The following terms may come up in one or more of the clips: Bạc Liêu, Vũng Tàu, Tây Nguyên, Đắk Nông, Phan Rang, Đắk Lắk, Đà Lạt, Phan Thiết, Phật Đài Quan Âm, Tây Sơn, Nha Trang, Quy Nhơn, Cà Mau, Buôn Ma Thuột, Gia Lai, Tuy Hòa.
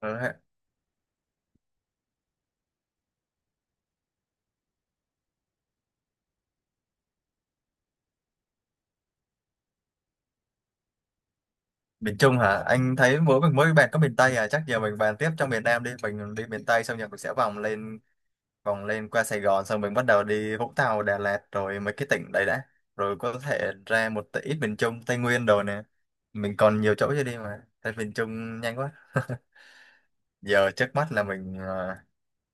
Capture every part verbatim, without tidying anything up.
Ừ, hả? Miền Trung hả? Anh thấy mỗi mình mới bàn có miền Tây à? Chắc giờ mình bàn tiếp trong miền Nam đi. Mình đi miền Tây xong rồi mình sẽ vòng lên vòng lên qua Sài Gòn, xong mình bắt đầu đi Vũng Tàu, Đà Lạt rồi mấy cái tỉnh đấy đã. Rồi có thể ra một tí ít miền Trung, Tây Nguyên đồ nè. Mình còn nhiều chỗ chưa đi mà. Tới miền Trung nhanh quá. Giờ trước mắt là mình ờ,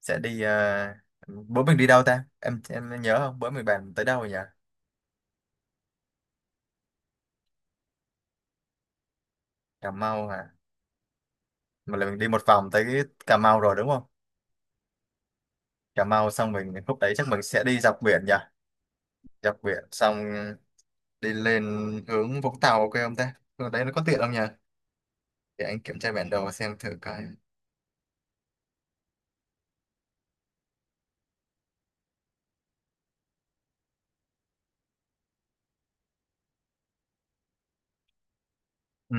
sẽ đi, ờ, bữa mình đi đâu ta? Em em nhớ không? Bữa mình bàn tới đâu rồi nhỉ? Cà Mau hả? Mà là mình đi một vòng tới Cà Mau rồi đúng không? Cà Mau xong, mình lúc đấy chắc mình sẽ đi dọc biển nhỉ? Dọc biển xong đi lên hướng Vũng Tàu, ok không ta? Hướng đấy nó có tiện không nhỉ? Để anh kiểm tra bản đồ xem thử coi. Ừ,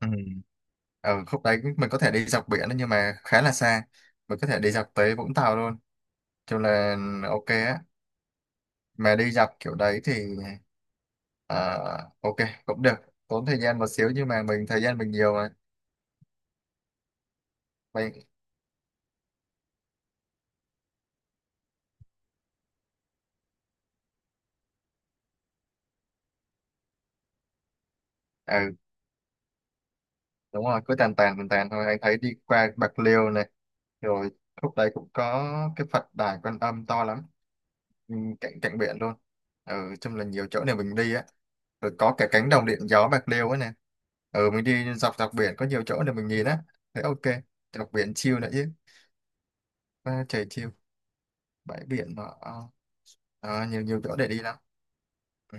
ừ. Ở khúc đấy mình có thể đi dọc biển đấy, nhưng mà khá là xa. Mình có thể đi dọc tới Vũng Tàu luôn. Cho là ok á. Mà đi dọc kiểu đấy thì à, ok cũng được. Tốn thời gian một xíu nhưng mà mình thời gian mình nhiều mà. Mình, ừ, đúng rồi, cứ tàn tàn tàn tàn thôi. Anh thấy đi qua Bạc Liêu này. Rồi khúc đấy cũng có cái Phật Đài Quan Âm to lắm, ừ, cạnh cạnh biển luôn. Ừ, chung là nhiều chỗ để mình đi á, rồi có cả cánh đồng điện gió Bạc Liêu ấy nè. Ừ, mình đi dọc dọc biển có nhiều chỗ để mình nhìn á. Thế ok, dọc biển chill nữa chứ. À, trời chill, bãi biển mà. À, nhiều nhiều chỗ để đi lắm. Ừ.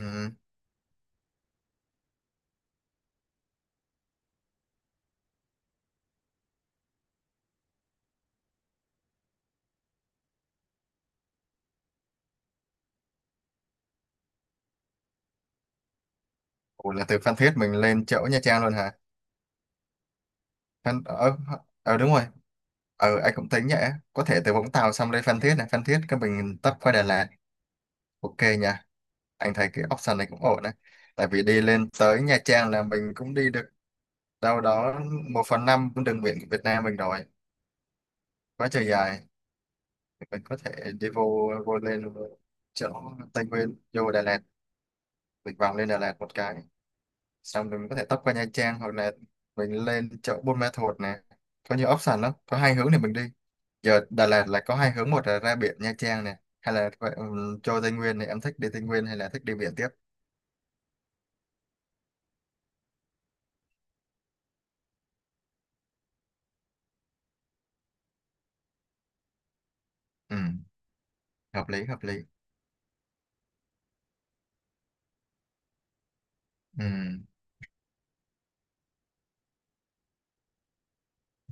Ủa, là từ Phan Thiết mình lên chỗ Nha Trang luôn hả? Phan... ờ, ờ đúng rồi. Ừ, anh cũng tính vậy, có thể từ Vũng Tàu xong lên Phan Thiết, này Phan Thiết cái mình tấp qua Đà Lạt. Ok nha, anh thấy cái option này cũng ổn đấy. Tại vì đi lên tới Nha Trang là mình cũng đi được đâu đó một phần năm cũng đừng nguyện của Việt Nam mình rồi, quá trời dài. Mình có thể đi vô vô lên chỗ Tây Nguyên, vô Đà Lạt, mình vòng lên Đà Lạt một cái, xong rồi mình có thể tấp qua Nha Trang hoặc là mình lên chỗ Buôn Ma Thuột nè. Có nhiều option lắm, có hai hướng để mình đi. Giờ Đà Lạt là có hai hướng, một là ra biển Nha Trang nè, hay là vậy, ừm, cho Tây Nguyên, này em thích đi Tây Nguyên hay là thích đi biển tiếp? Ừ, hợp lý hợp lý. Ừ,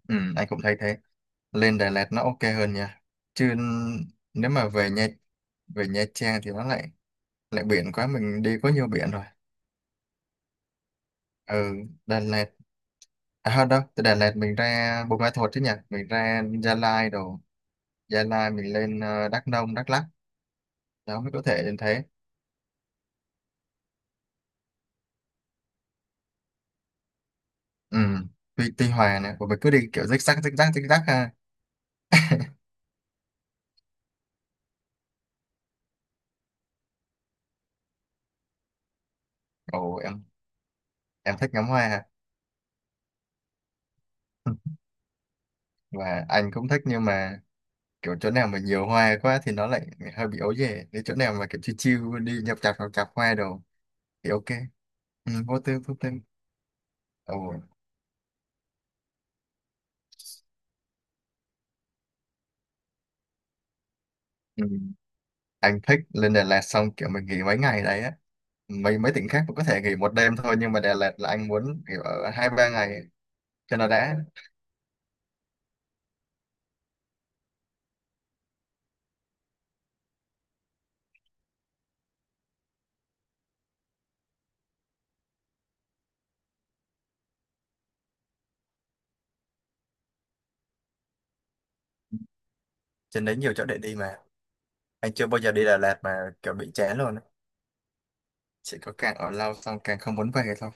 ừ, anh cũng thấy thế. Lên Đà Lạt nó ok hơn nha. Chứ nếu mà về Nha về Nha Trang thì nó lại lại biển quá, mình đi có nhiều biển rồi. Ừ, Đà Lạt. À không, đâu từ Đà Lạt mình ra Buôn Ma Thuột chứ nhỉ, mình ra Gia Lai đồ. Gia Lai mình lên, ờ, Đắk Nông, Đắk Lắk. Đó mới có thể đến thế. Ừ, Tuy, Tuy Hòa nè, của mình cứ đi kiểu rích rắc rích rắc rích rắc ha. Ồ em em thích ngắm hoa ha. Và anh cũng thích, nhưng mà kiểu chỗ nào mà nhiều hoa quá thì nó lại hơi bị ấu dề. Nếu chỗ nào mà kiểu chill chill đi nhập chạp nhập chạp hoa đồ thì ok. Ừ, vô tư vô tư. Ừ. Ừ. Anh thích lên Đà Lạt xong kiểu mình nghỉ mấy ngày đấy á. Mấy mấy tỉnh khác cũng có thể nghỉ một đêm thôi, nhưng mà Đà Lạt là anh muốn nghỉ ở hai ba ngày cho nó đã. Trên đấy nhiều chỗ để đi mà, anh chưa bao giờ đi Đà Lạt mà kiểu bị chán luôn á. Chỉ có càng ở lâu xong càng không muốn về thôi.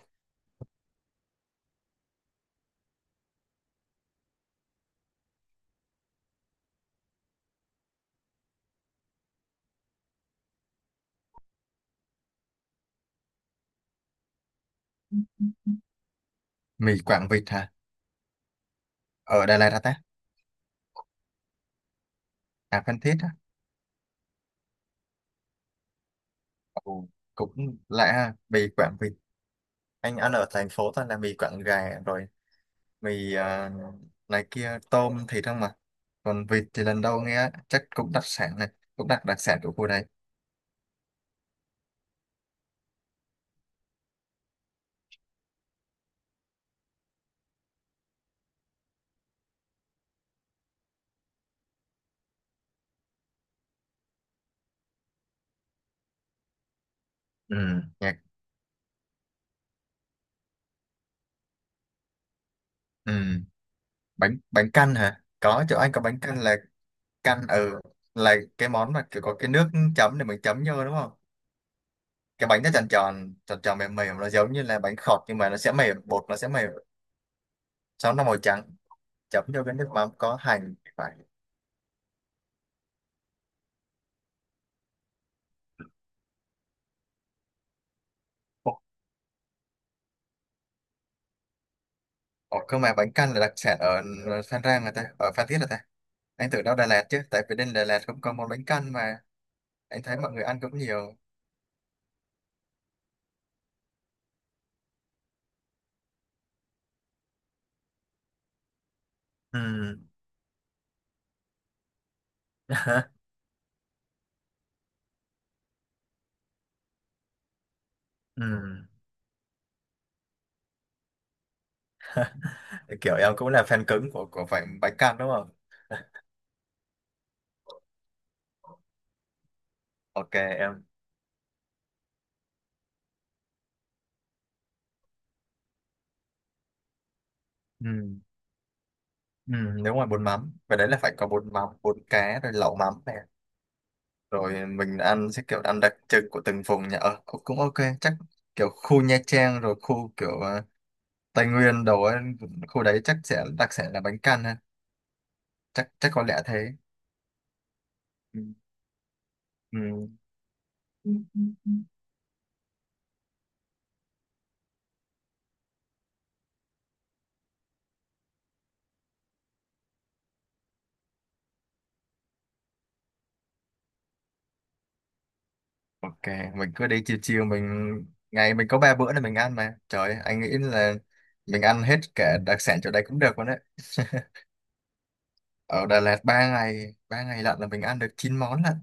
Mì Quảng vịt hả? Ở Đà Lạt hả ta? À, Phan Thiết á. Ừ, cũng lạ ha, mì Quảng vịt. Anh ăn ở thành phố toàn là mì Quảng gà rồi, mì, à, này kia tôm thịt không mà. Còn vịt thì lần đầu nghe, chắc cũng đặc sản này, cũng đặc đặc sản của khu đây. Ừ, nhạc. Ừ. bánh bánh canh hả? Có chỗ anh có bánh canh là canh. Ừ, là cái món mà kiểu có cái nước chấm để mình chấm vô, đúng không? Cái bánh nó tròn tròn tròn tròn mềm mềm, nó giống như là bánh khọt nhưng mà nó sẽ mềm, bột nó sẽ mềm, sau nó màu trắng, chấm vô cái nước mắm có hành phải. Ủa, cơ mà bánh căn là đặc sản ở Phan Rang là ta, ở Phan Thiết là ta. Anh tưởng đâu Đà Lạt chứ, tại vì bên Đà Lạt cũng có món bánh căn mà, anh thấy mọi người ăn cũng nhiều. Ừ. Ừ, kiểu em cũng là fan cứng của của phải bánh căn, đúng không? Ok em. Ừ. Ừ, nếu ngoài bún mắm, và đấy là phải có bún mắm, bún cá, rồi lẩu mắm này. Rồi mình ăn sẽ kiểu ăn đặc trưng của từng vùng nhà ở. Cũng cũng ok, chắc kiểu khu Nha Trang rồi khu kiểu, ờ, Tây Nguyên đồ ấy, khu đấy chắc sẽ đặc sản là bánh căn ha. Chắc chắc có lẽ thế. Ừ. Ừ. Ừ, ừ, ừ. Ok, mình cứ đi chiều chiều mình, ngày mình có ba bữa để mình ăn mà. Trời ơi, anh nghĩ là mình ăn hết cả đặc sản chỗ đây cũng được luôn đấy. Ở Đà Lạt ba ngày, ba ngày lận là mình ăn được chín món lận.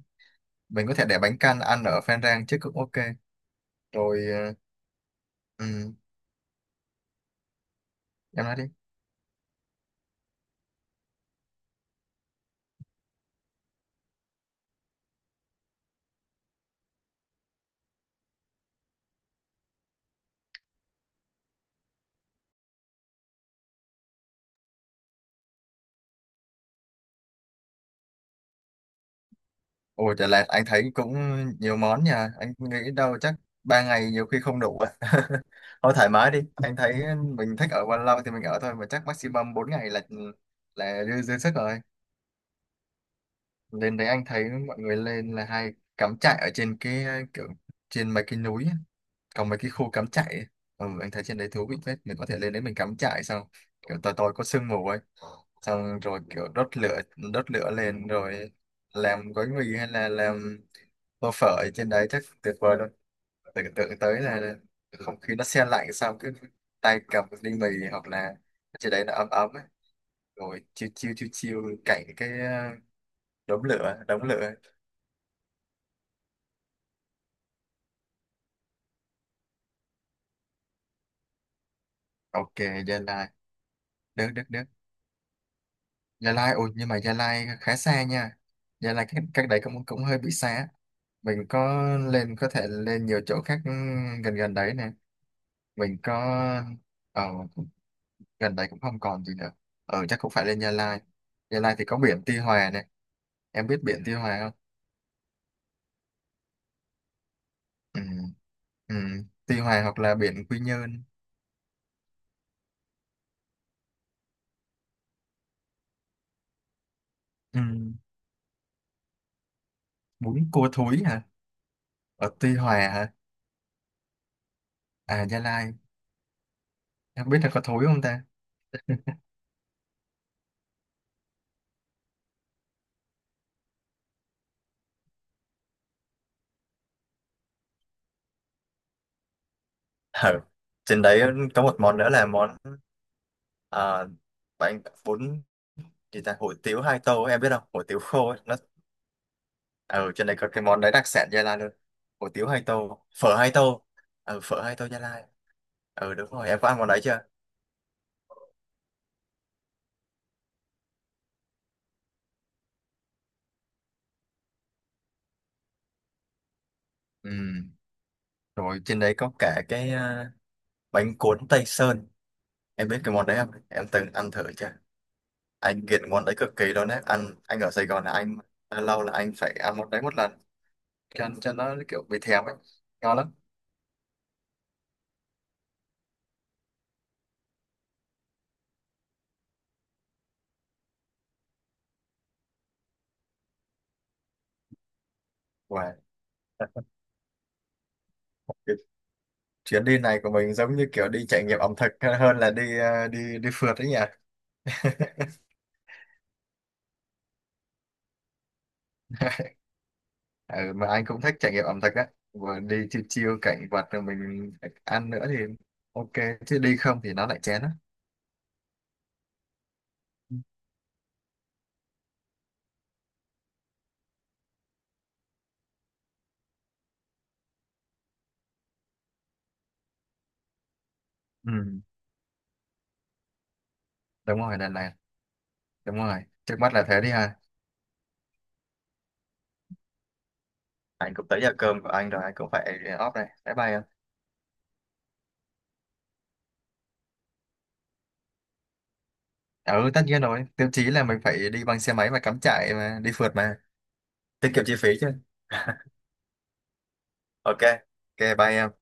Mình có thể để bánh căn ăn ở Phan Rang chứ, cũng ok. Rồi ờ, ừ, em nói đi. Ồ, Đà Lạt anh thấy cũng nhiều món nha. Anh nghĩ đâu chắc ba ngày nhiều khi không đủ. À. Thôi thoải mái đi. Anh thấy mình thích ở bao lâu thì mình ở thôi. Mà chắc maximum bốn ngày là là dư, dư sức rồi. Lên đấy anh thấy mọi người lên là hay cắm trại ở trên cái kiểu trên mấy cái núi á. Còn mấy cái khu cắm trại ấy. Ừ, anh thấy trên đấy thú vị phết. Mình có thể lên đấy mình cắm trại xong. Kiểu tối tối có sương mù ấy. Xong rồi kiểu đốt lửa, đốt lửa lên rồi làm gói mì hay là làm tô phở ở trên đấy chắc tuyệt vời luôn. Tưởng tượng tới là không khí nó se lạnh, xong cứ tay cầm một ly mì hoặc là ở trên đấy nó ấm ấm ấy. Rồi chiêu chiêu chiêu chiêu cạnh cái, ờ, đống lửa đống lửa. Ok Gia Lai, được được được. Gia Lai ôi, nhưng mà Gia Lai khá xa nha. Gia Lai cách, cách đấy cũng cũng hơi bị xa. Mình có lên có thể lên nhiều chỗ khác, ừm, gần gần đấy nè. Mình có, ờ, gần đây cũng không còn gì nữa. Ừ, chắc cũng phải lên Gia Lai. Gia Lai thì có biển Tuy Hòa này, em biết biển Tuy Hòa không? Ừ. Ừ. Tuy Hòa hoặc là biển Quy Nhơn. Ừ. Bún cua thúi hả? Ở Tuy Hòa hả? À, Gia Lai. Em biết là có thúi không ta? Ừ. Trên đấy có một món nữa là món, à, bánh bún gì ta, hủ tiếu hai tô em biết không, hủ tiếu khô ấy. Nó ở trên này có cái món đấy đặc sản Gia Lai luôn, hủ tiếu hai tô, phở hai tô. Ừ, phở hai tô Gia Lai. Ừ đúng rồi, em có ăn món đấy chưa? Ừ, rồi trên đấy có cả cái, à, bánh cuốn Tây Sơn, em biết cái món đấy không, em từng ăn thử chưa? Anh nghiện món đấy cực kỳ luôn đấy, anh anh ở Sài Gòn là anh lâu lâu là anh phải ăn món đấy một lần cho cho nó kiểu bị thèm ấy, ngon lắm. Wow. Cái chuyến đi này của mình giống như kiểu đi trải nghiệm ẩm thực hơn là đi, à, đi đi phượt đấy nhỉ. Ừ, mà anh cũng thích trải nghiệm ẩm thực đấy. Vừa đi chiêu chiêu cảnh vật rồi mình ăn nữa thì ok, chứ đi không thì nó lại chén á. Ừ, đúng rồi lần này. Đúng rồi, trước mắt là thế đi ha. Anh cũng tới giờ cơm của anh rồi, anh cũng phải off đây, bye bye em. Ừ tất nhiên rồi, tiêu chí là mình phải đi bằng xe máy và cắm trại mà, đi phượt mà, tiết kiệm chi phí chứ. Ok. Ok, bye em.